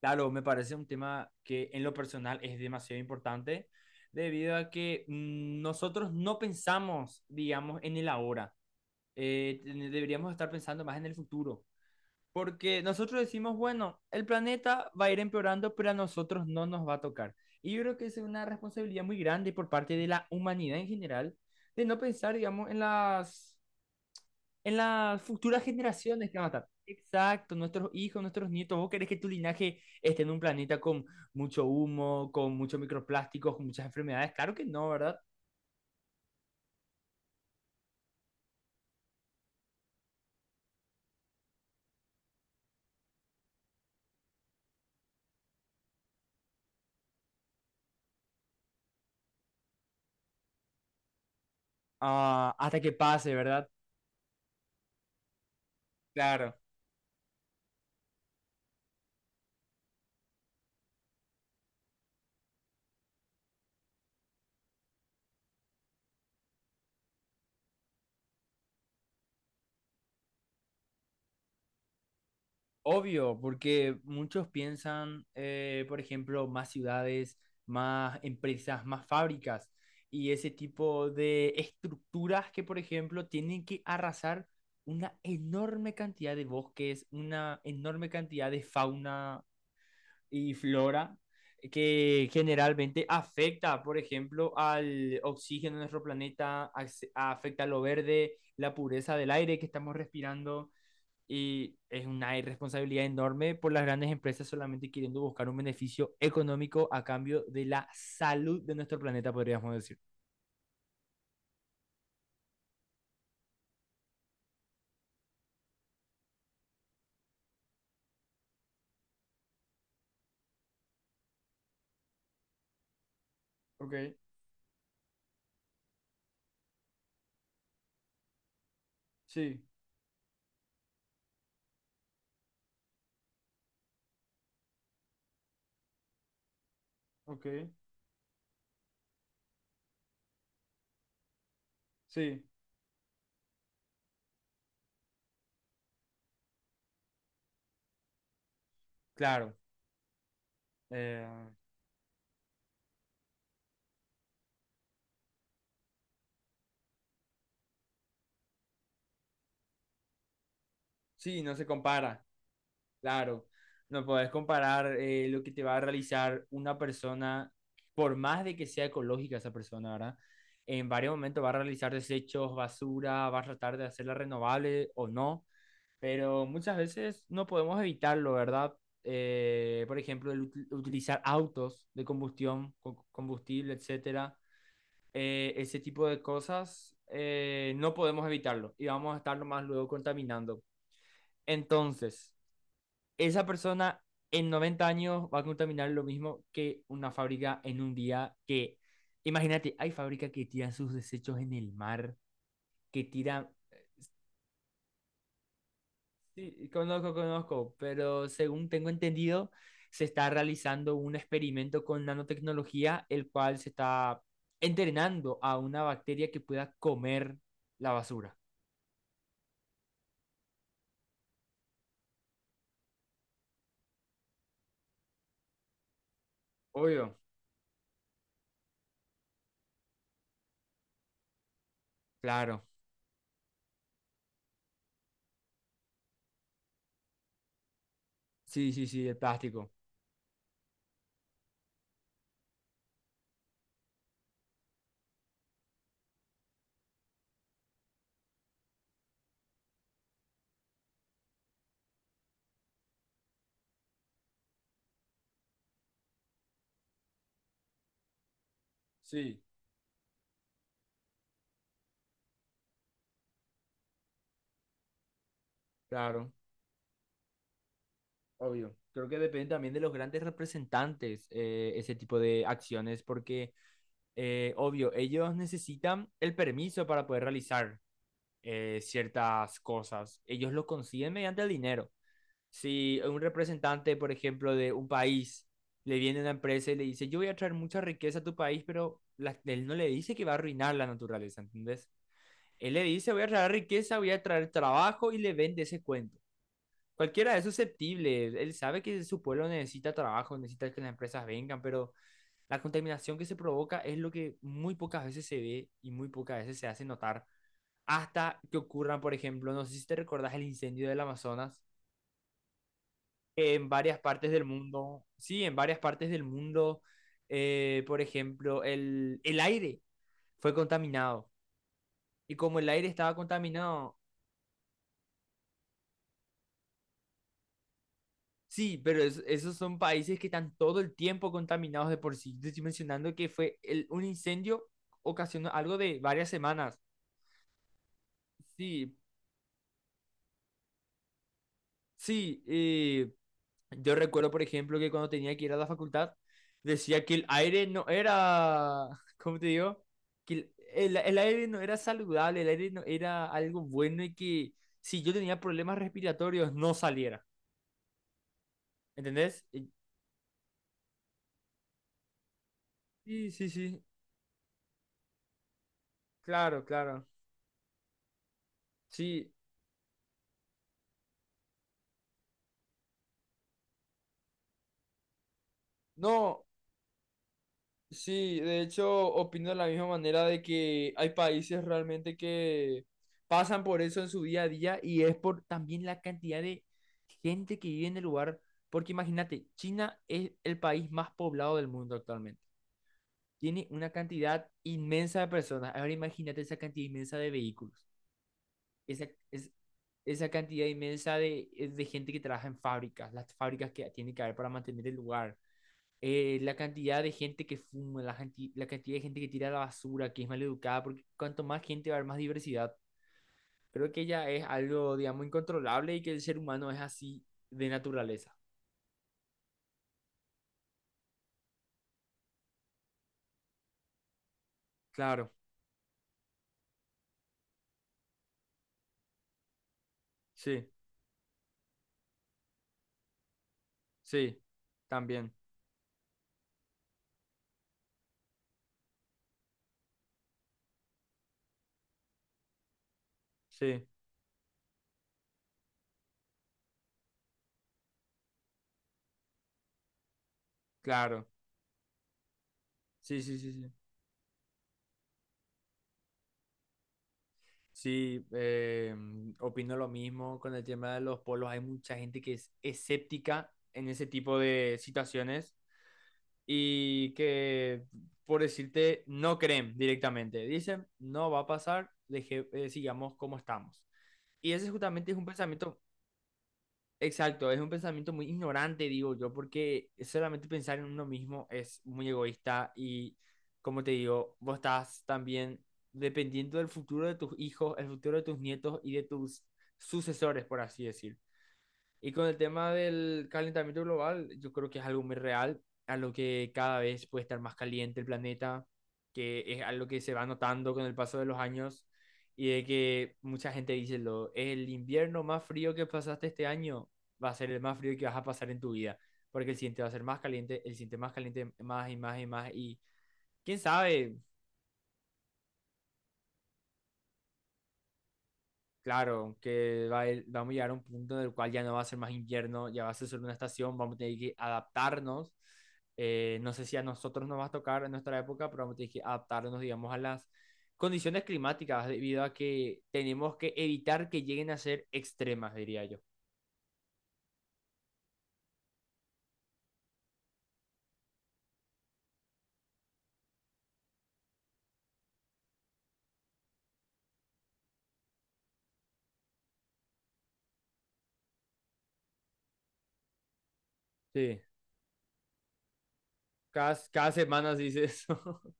Claro, me parece un tema que en lo personal es demasiado importante debido a que nosotros no pensamos, digamos, en el ahora. Deberíamos estar pensando más en el futuro. Porque nosotros decimos, bueno, el planeta va a ir empeorando, pero a nosotros no nos va a tocar. Y yo creo que esa es una responsabilidad muy grande por parte de la humanidad en general de no pensar, digamos, en las futuras generaciones que van a estar. Exacto, nuestros hijos, nuestros nietos. ¿Vos querés que tu linaje esté en un planeta con mucho humo, con muchos microplásticos, con muchas enfermedades? Claro que no, ¿verdad? Ah, hasta que pase, ¿verdad? Claro. Obvio, porque muchos piensan, por ejemplo, más ciudades, más empresas, más fábricas y ese tipo de estructuras que, por ejemplo, tienen que arrasar una enorme cantidad de bosques, una enorme cantidad de fauna y flora que generalmente afecta, por ejemplo, al oxígeno de nuestro planeta, afecta a lo verde, la pureza del aire que estamos respirando y es una irresponsabilidad enorme por las grandes empresas solamente queriendo buscar un beneficio económico a cambio de la salud de nuestro planeta, podríamos decir. Ok. Sí. Ok. Sí. Claro. Eh, sí, no se compara, claro. No podés comparar lo que te va a realizar una persona, por más de que sea ecológica esa persona, ¿verdad? En varios momentos va a realizar desechos, basura, va a tratar de hacerla renovable o no, pero muchas veces no podemos evitarlo, ¿verdad? Por ejemplo, el utilizar autos de combustión, combustible, etcétera. Ese tipo de cosas, no podemos evitarlo y vamos a estarlo más luego contaminando. Entonces, esa persona en 90 años va a contaminar lo mismo que una fábrica en un día que, imagínate, hay fábricas que tiran sus desechos en el mar, que tiran sí, conozco, conozco, pero según tengo entendido, se está realizando un experimento con nanotecnología, el cual se está entrenando a una bacteria que pueda comer la basura. Obvio. Claro, sí, sí, sí, el plástico. Sí, claro, obvio. Creo que depende también de los grandes representantes ese tipo de acciones, porque, obvio, ellos necesitan el permiso para poder realizar ciertas cosas. Ellos lo consiguen mediante el dinero. Si un representante, por ejemplo, de un país le viene a una empresa y le dice, yo voy a traer mucha riqueza a tu país, pero él no le dice que va a arruinar la naturaleza, ¿entendés? Él le dice, voy a traer riqueza, voy a traer trabajo y le vende ese cuento. Cualquiera es susceptible, él sabe que su pueblo necesita trabajo, necesita que las empresas vengan, pero la contaminación que se provoca es lo que muy pocas veces se ve y muy pocas veces se hace notar, hasta que ocurran, por ejemplo, no sé si te recordás el incendio del Amazonas, en varias partes del mundo. Sí, en varias partes del mundo, por ejemplo, el aire fue contaminado. Y como el aire estaba contaminado, sí, pero esos son países que están todo el tiempo contaminados de por sí. Te estoy mencionando que fue un incendio, ocasionó algo de varias semanas. Sí, sí, yo recuerdo, por ejemplo, que cuando tenía que ir a la facultad, decía que el aire no era, ¿cómo te digo? Que el aire no era saludable, el aire no era algo bueno y que si yo tenía problemas respiratorios no saliera. ¿Entendés? Y- sí, sí, sí. Claro, claro. Sí. No. Sí, de hecho, opino de la misma manera de que hay países realmente que pasan por eso en su día a día y es por también la cantidad de gente que vive en el lugar. Porque imagínate, China es el país más poblado del mundo actualmente. Tiene una cantidad inmensa de personas. Ahora imagínate esa cantidad inmensa de vehículos, esa, es, esa cantidad inmensa de gente que trabaja en fábricas, las fábricas que tiene que haber para mantener el lugar, la cantidad de gente que fuma, la cantidad de gente que tira la basura, que es maleducada, porque cuanto más gente va a haber, más diversidad. Creo que ya es algo, digamos, incontrolable y que el ser humano es así de naturaleza. Claro, sí, sí, también, sí, claro, sí, sí, sí, sí. Sí, opino lo mismo con el tema de los polos. Hay mucha gente que es escéptica en ese tipo de situaciones. Y que, por decirte, no creen directamente. Dicen, no va a pasar, deje, sigamos como estamos. Y ese justamente es un pensamiento, exacto, es un pensamiento muy ignorante, digo yo, porque solamente pensar en uno mismo es muy egoísta y, como te digo, vos estás también dependiendo del futuro de tus hijos, el futuro de tus nietos y de tus sucesores, por así decir. Y con el tema del calentamiento global, yo creo que es algo muy real, a lo que cada vez puede estar más caliente el planeta, que es algo que se va notando con el paso de los años y de que mucha gente dice, el invierno más frío que pasaste este año va a ser el más frío que vas a pasar en tu vida, porque el siguiente va a ser más caliente, el siguiente más caliente, más y más y más, y quién sabe, claro, que vamos a llegar a un punto en el cual ya no va a ser más invierno, ya va a ser solo una estación, vamos a tener que adaptarnos. No sé si a nosotros nos va a tocar en nuestra época, pero vamos a tener que adaptarnos, digamos, a las condiciones climáticas debido a que tenemos que evitar que lleguen a ser extremas, diría yo. Sí, cada, cada semana se dice eso.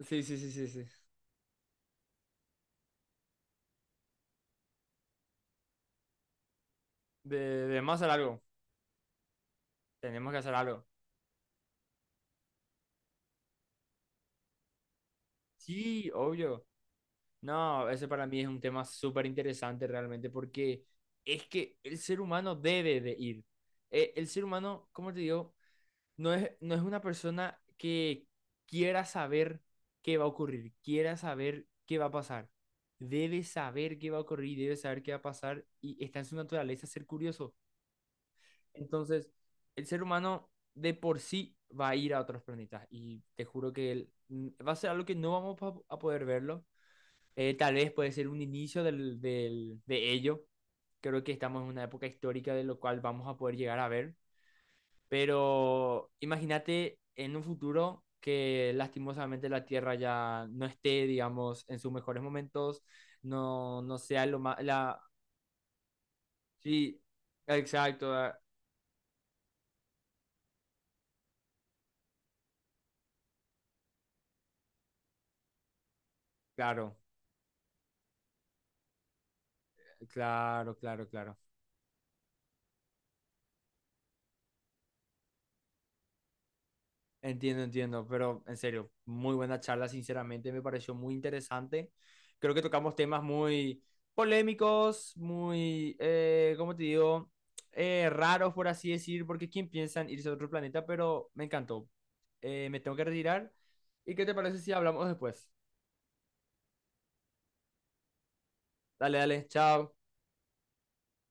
Sí, sí, sí, sí, sí. De, de más hacer algo, tenemos que hacer algo. Sí, obvio. No, ese para mí es un tema súper interesante realmente porque es que el ser humano debe de ir. El ser humano, como te digo, no es una persona que quiera saber qué va a ocurrir, quiera saber qué va a pasar. Debe saber qué va a ocurrir, debe saber qué va a pasar y está en su naturaleza ser curioso. Entonces, el ser humano de por sí va a ir a otros planetas y te juro que él, va a ser algo que no vamos a poder verlo, tal vez puede ser un inicio de ello. Creo que estamos en una época histórica de lo cual vamos a poder llegar a ver. Pero imagínate en un futuro que lastimosamente la Tierra ya no esté, digamos, en sus mejores momentos, no, no sea lo más... La... Sí, exacto, ah, claro, claro, claro, claro. Entiendo, entiendo, pero en serio, muy buena charla, sinceramente me pareció muy interesante. Creo que tocamos temas muy polémicos, muy, ¿cómo te digo? Raros, por así decir, porque ¿quién piensa en irse a otro planeta? Pero me encantó. Me tengo que retirar. ¿Y qué te parece si hablamos después? Dale, dale, chao.